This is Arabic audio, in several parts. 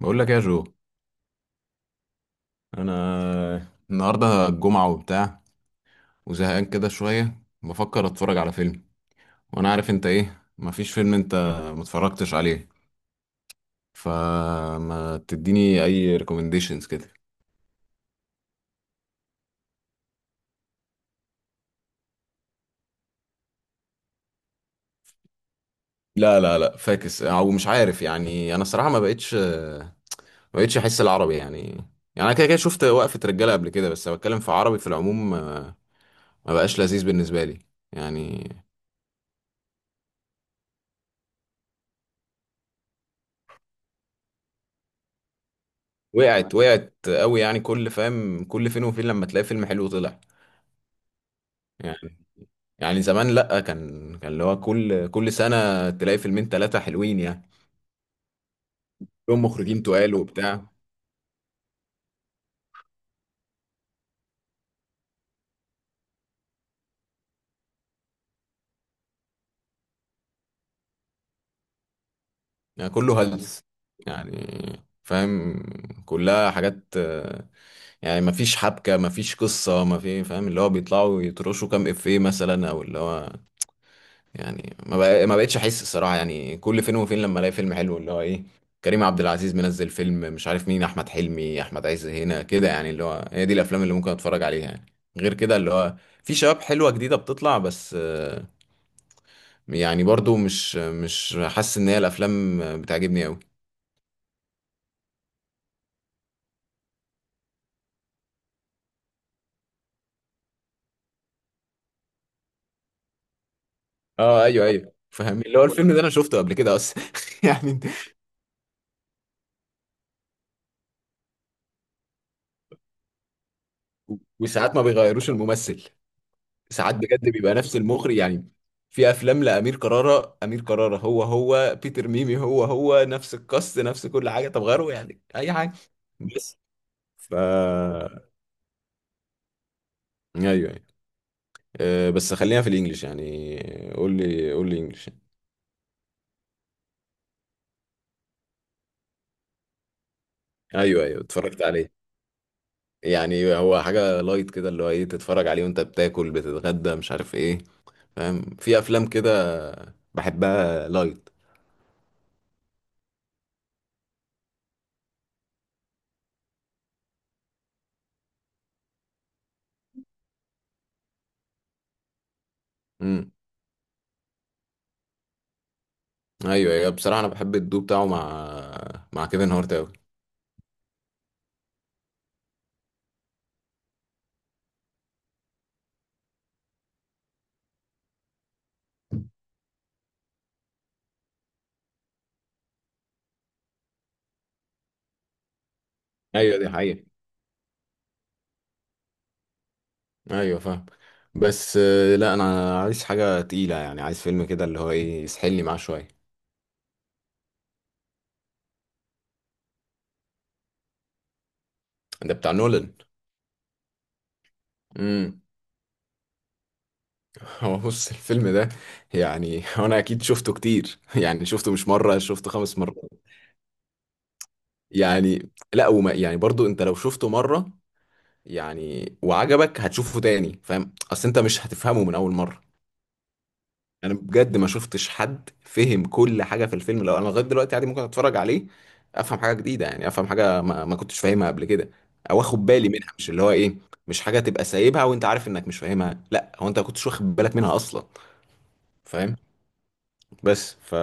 بقول لك إيه يا جو. انا النهارده الجمعه وبتاع، وزهقان كده شويه، بفكر اتفرج على فيلم، وانا عارف انت ايه مفيش فيلم انت متفرجتش عليه، فما تديني اي ريكومنديشنز كده. لا فاكس او مش عارف، يعني انا الصراحه ما بقتش احس العربي يعني. يعني انا كده كده شفت وقفه رجاله قبل كده، بس بتكلم في عربي في العموم ما بقاش لذيذ بالنسبه لي يعني. وقعت قوي يعني، كل فاهم، كل فين وفين لما تلاقي فيلم حلو طلع. يعني زمان لأ، كان اللي هو كل سنة تلاقي فيلمين تلاتة حلوين يعني، كلهم مخرجين تقال وبتاع. يعني كله هلس، يعني فاهم، كلها حاجات يعني مفيش حبكة، مفيش قصة، مفيش فاهم اللي هو بيطلعوا يترشوا كام إفيه مثلا، أو اللي هو يعني ما بقتش احس الصراحه، يعني كل فين وفين لما الاقي فيلم حلو اللي هو ايه، كريم عبد العزيز منزل فيلم، مش عارف مين، احمد حلمي، احمد عز، هنا كده، يعني اللي هو هي دي الافلام اللي ممكن اتفرج عليها يعني. غير كده اللي هو في شباب حلوه جديده بتطلع، بس يعني برضو مش حاسس ان هي الافلام بتعجبني قوي. اه ايوه ايوه فاهم، اللي هو الفيلم ده انا شفته قبل كده اصلا يعني. وساعات ما بيغيروش الممثل، ساعات بجد بيبقى نفس المخرج يعني. في افلام لامير كرارة، امير كرارة هو هو، بيتر ميمي هو هو، نفس القص، نفس كل حاجه، طب غيره يعني اي حاجه. بس ف ايوه ايوه. بس خلينا في الانجليش يعني، قول لي انجليش يعني. ايوه ايوه اتفرجت عليه، يعني هو حاجه لايت كده اللي هو ايه، تتفرج عليه وانت بتاكل، بتتغدى مش عارف ايه، فاهم؟ في افلام كده بحبها لايت. امم ايوه ايوه، بصراحه انا بحب الدو بتاعه مع كيفن هارت أوي. ايوه دي حقيقة، ايوه فاهم. بس لا انا عايز حاجة تقيلة، يعني عايز فيلم كده اللي هو ايه يسحلني معاه شوية. ده بتاع نولان. امم هو بص الفيلم ده، يعني انا اكيد شفته كتير يعني شفته مش مرة، شفته خمس مرات. يعني لا، وما يعني برضو انت لو شفته مرة يعني وعجبك هتشوفه تاني، فاهم؟ اصل انت مش هتفهمه من اول مرة. انا بجد ما شفتش حد فهم كل حاجه في الفيلم، لو انا لغايه دلوقتي عادي ممكن اتفرج عليه افهم حاجه جديده، يعني افهم حاجه ما كنتش فاهمها قبل كده او اخد بالي منها، مش اللي هو ايه، مش حاجه تبقى سايبها وانت عارف انك مش فاهمها، لا، هو انت ما كنتش واخد بالك منها اصلا، فاهم؟ بس ف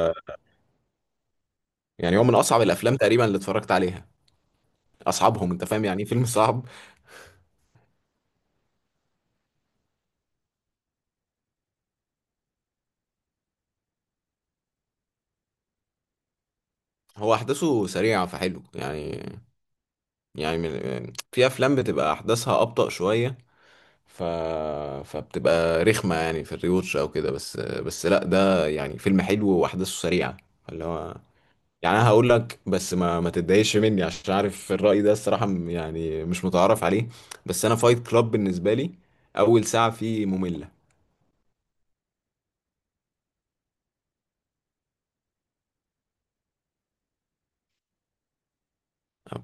يعني هو من اصعب الافلام تقريبا اللي اتفرجت عليها، اصعبهم، انت فاهم يعني ايه فيلم صعب. هو احداثه سريعه فحلو يعني. يعني في افلام بتبقى احداثها ابطأ شويه، ف... فبتبقى رخمة يعني في الريوتش او كده، بس لا ده يعني فيلم حلو واحداثه سريعة اللي هو. يعني انا هقول لك بس ما تتضايقش مني، عشان عارف الرأي ده الصراحة يعني مش متعارف عليه، بس انا فايت كلاب بالنسبة لي اول ساعة فيه مملة.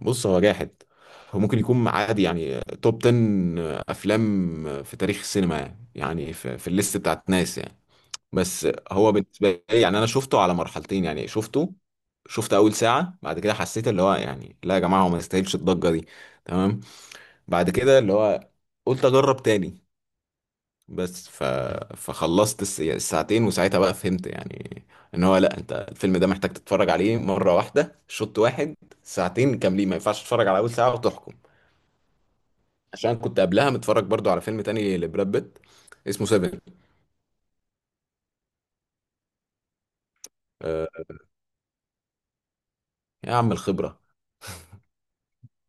بص هو جاحد، هو ممكن يكون عادي يعني توب 10 افلام في تاريخ السينما يعني، يعني في الليست بتاعت ناس يعني. بس هو بالنسبه لي يعني انا شفته على مرحلتين، يعني شفته، شفت اول ساعه، بعد كده حسيت اللي هو يعني لا يا جماعه هو ما يستاهلش الضجه دي، تمام؟ بعد كده اللي هو قلت اجرب تاني، بس ف... فخلصت يعني الساعتين، وساعتها بقى فهمت يعني ان هو لا، انت الفيلم ده محتاج تتفرج عليه مره واحده شوط واحد ساعتين كاملين، ما ينفعش تتفرج على اول ساعه وتحكم. عشان كنت قبلها متفرج برضو على فيلم تاني لبراد بيت، اسمه سيفن. آه، يا عم الخبره.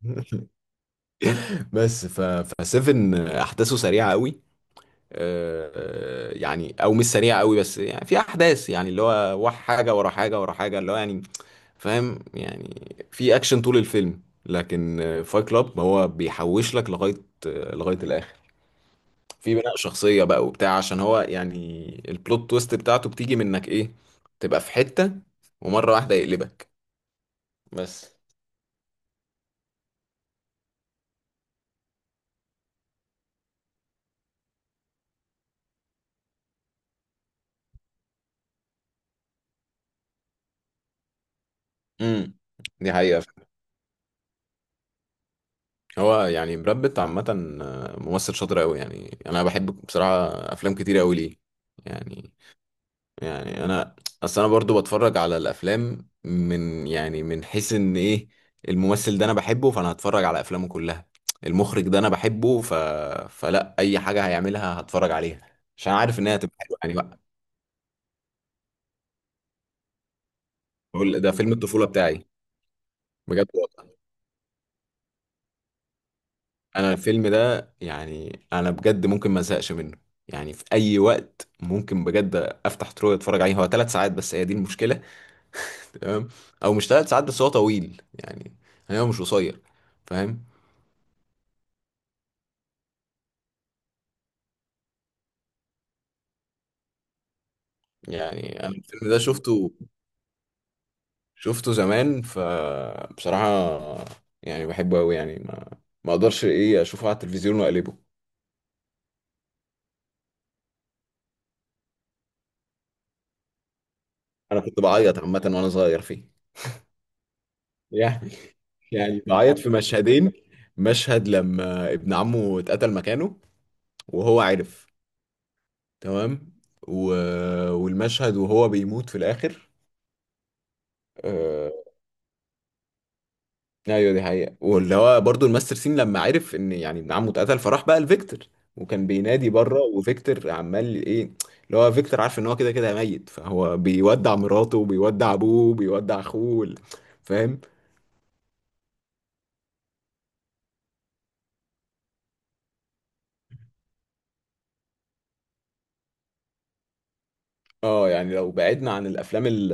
بس ف فسيفن احداثه سريعه قوي، يعني او مش سريعه قوي، بس يعني في احداث يعني اللي هو واحد، حاجه ورا حاجه ورا حاجه اللي هو يعني، فاهم يعني في اكشن طول الفيلم. لكن فايت كلاب هو بيحوش لك لغايه الاخر، في بناء شخصيه بقى وبتاع، عشان هو يعني البلوت تويست بتاعته بتيجي منك ايه، تبقى في حته ومره واحده يقلبك بس. امم دي حقيقه. هو يعني براد بيت عامة ممثل شاطر أوي، يعني أنا بحب بصراحة أفلام كتير أوي ليه، يعني. يعني أنا، أصل أنا برضو بتفرج على الأفلام من يعني من حيث إن إيه، الممثل ده أنا بحبه فأنا هتفرج على أفلامه كلها، المخرج ده أنا بحبه فلا أي حاجة هيعملها هتفرج عليها، عشان عارف إن هي هتبقى حلوة يعني. بقى بقول ده فيلم الطفولة بتاعي، بجد. انا الفيلم ده يعني انا بجد ممكن ما ازهقش منه، يعني في اي وقت ممكن بجد افتح ترو اتفرج عليه. هو ثلاث ساعات، بس هي دي المشكله، تمام؟ او مش ثلاث ساعات بس هو طويل يعني، يعني هو مش قصير، فاهم؟ يعني انا الفيلم ده شفته، شفته زمان، فبصراحه يعني بحبه قوي، يعني ما اقدرش ايه اشوفه على التلفزيون واقلبه. انا كنت بعيط عامه وانا صغير فيه يعني. يعني بعيط في مشهدين: مشهد لما ابن عمه اتقتل مكانه وهو عارف، تمام؟ و... والمشهد وهو بيموت في الاخر. آه... ايوه دي حقيقة، واللي هو برضو الماستر سين لما عرف ان يعني ابن عمه اتقتل، فراح بقى لفيكتور وكان بينادي بره وفيكتور عمال ايه، اللي هو فيكتور عارف ان هو كده كده ميت، فهو بيودع مراته وبيودع ابوه وبيودع اخوه فاهم. اه يعني لو بعدنا عن الافلام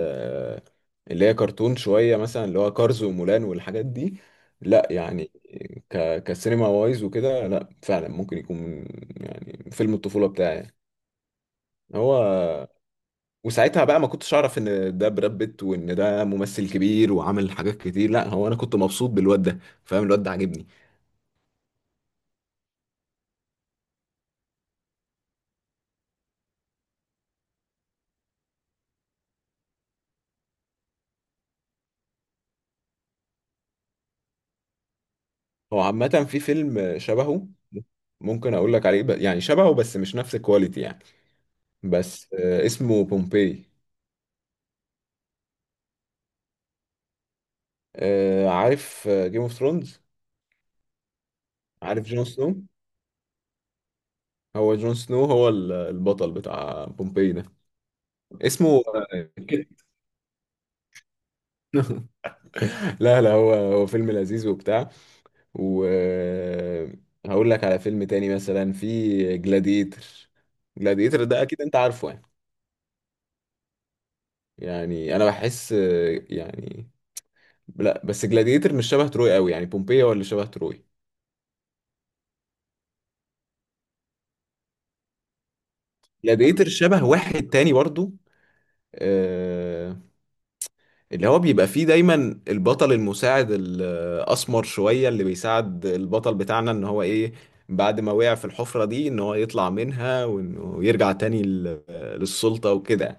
اللي هي كرتون شويه مثلا، اللي هو كارز ومولان والحاجات دي، لا يعني ك كسينما وايز وكده، لا فعلا ممكن يكون يعني فيلم الطفوله بتاعي هو. وساعتها بقى ما كنتش اعرف ان ده براد بيت وان ده ممثل كبير وعمل حاجات كتير، لا هو انا كنت مبسوط بالواد ده، فاهم؟ الواد ده عاجبني. هو عامه في فيلم شبهه ممكن اقول لك عليه يعني شبهه بس مش نفس الكواليتي يعني، بس اسمه بومبي. عارف جيم اوف ثرونز؟ عارف جون سنو؟ هو جون سنو هو البطل بتاع بومبي ده. اسمه، آه، لا لا هو هو فيلم لذيذ وبتاع. وهقول لك على فيلم تاني مثلا، في جلاديتر. جلاديتر ده اكيد انت عارفه يعني. يعني انا بحس يعني، لا بس جلاديتر مش شبه تروي قوي، يعني بومبي هو اللي شبه تروي. جلاديتر شبه واحد تاني برضو، آه، اللي هو بيبقى فيه دايما البطل المساعد الأسمر شوية اللي بيساعد البطل بتاعنا إن هو إيه، بعد ما وقع في الحفرة دي إن هو يطلع منها وإنه يرجع تاني للسلطة وكده،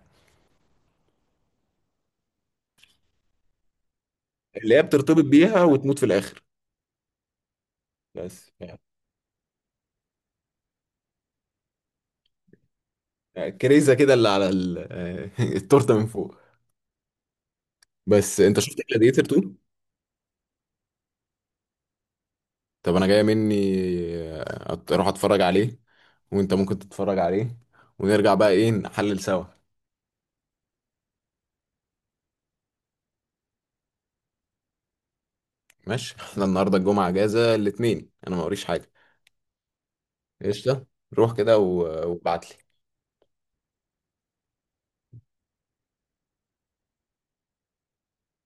اللي هي بترتبط بيها وتموت في الآخر، بس يعني كريزة كده اللي على التورتة من فوق. بس أنت شفت جلاديتر 2؟ طب أنا جاية مني أروح أتفرج عليه، وأنت ممكن تتفرج عليه، ونرجع بقى إيه نحلل سوا. ماشي، احنا النهارده الجمعه، اجازه الاثنين، انا ما اوريش حاجه. قشطه، روح كده وابعت لي.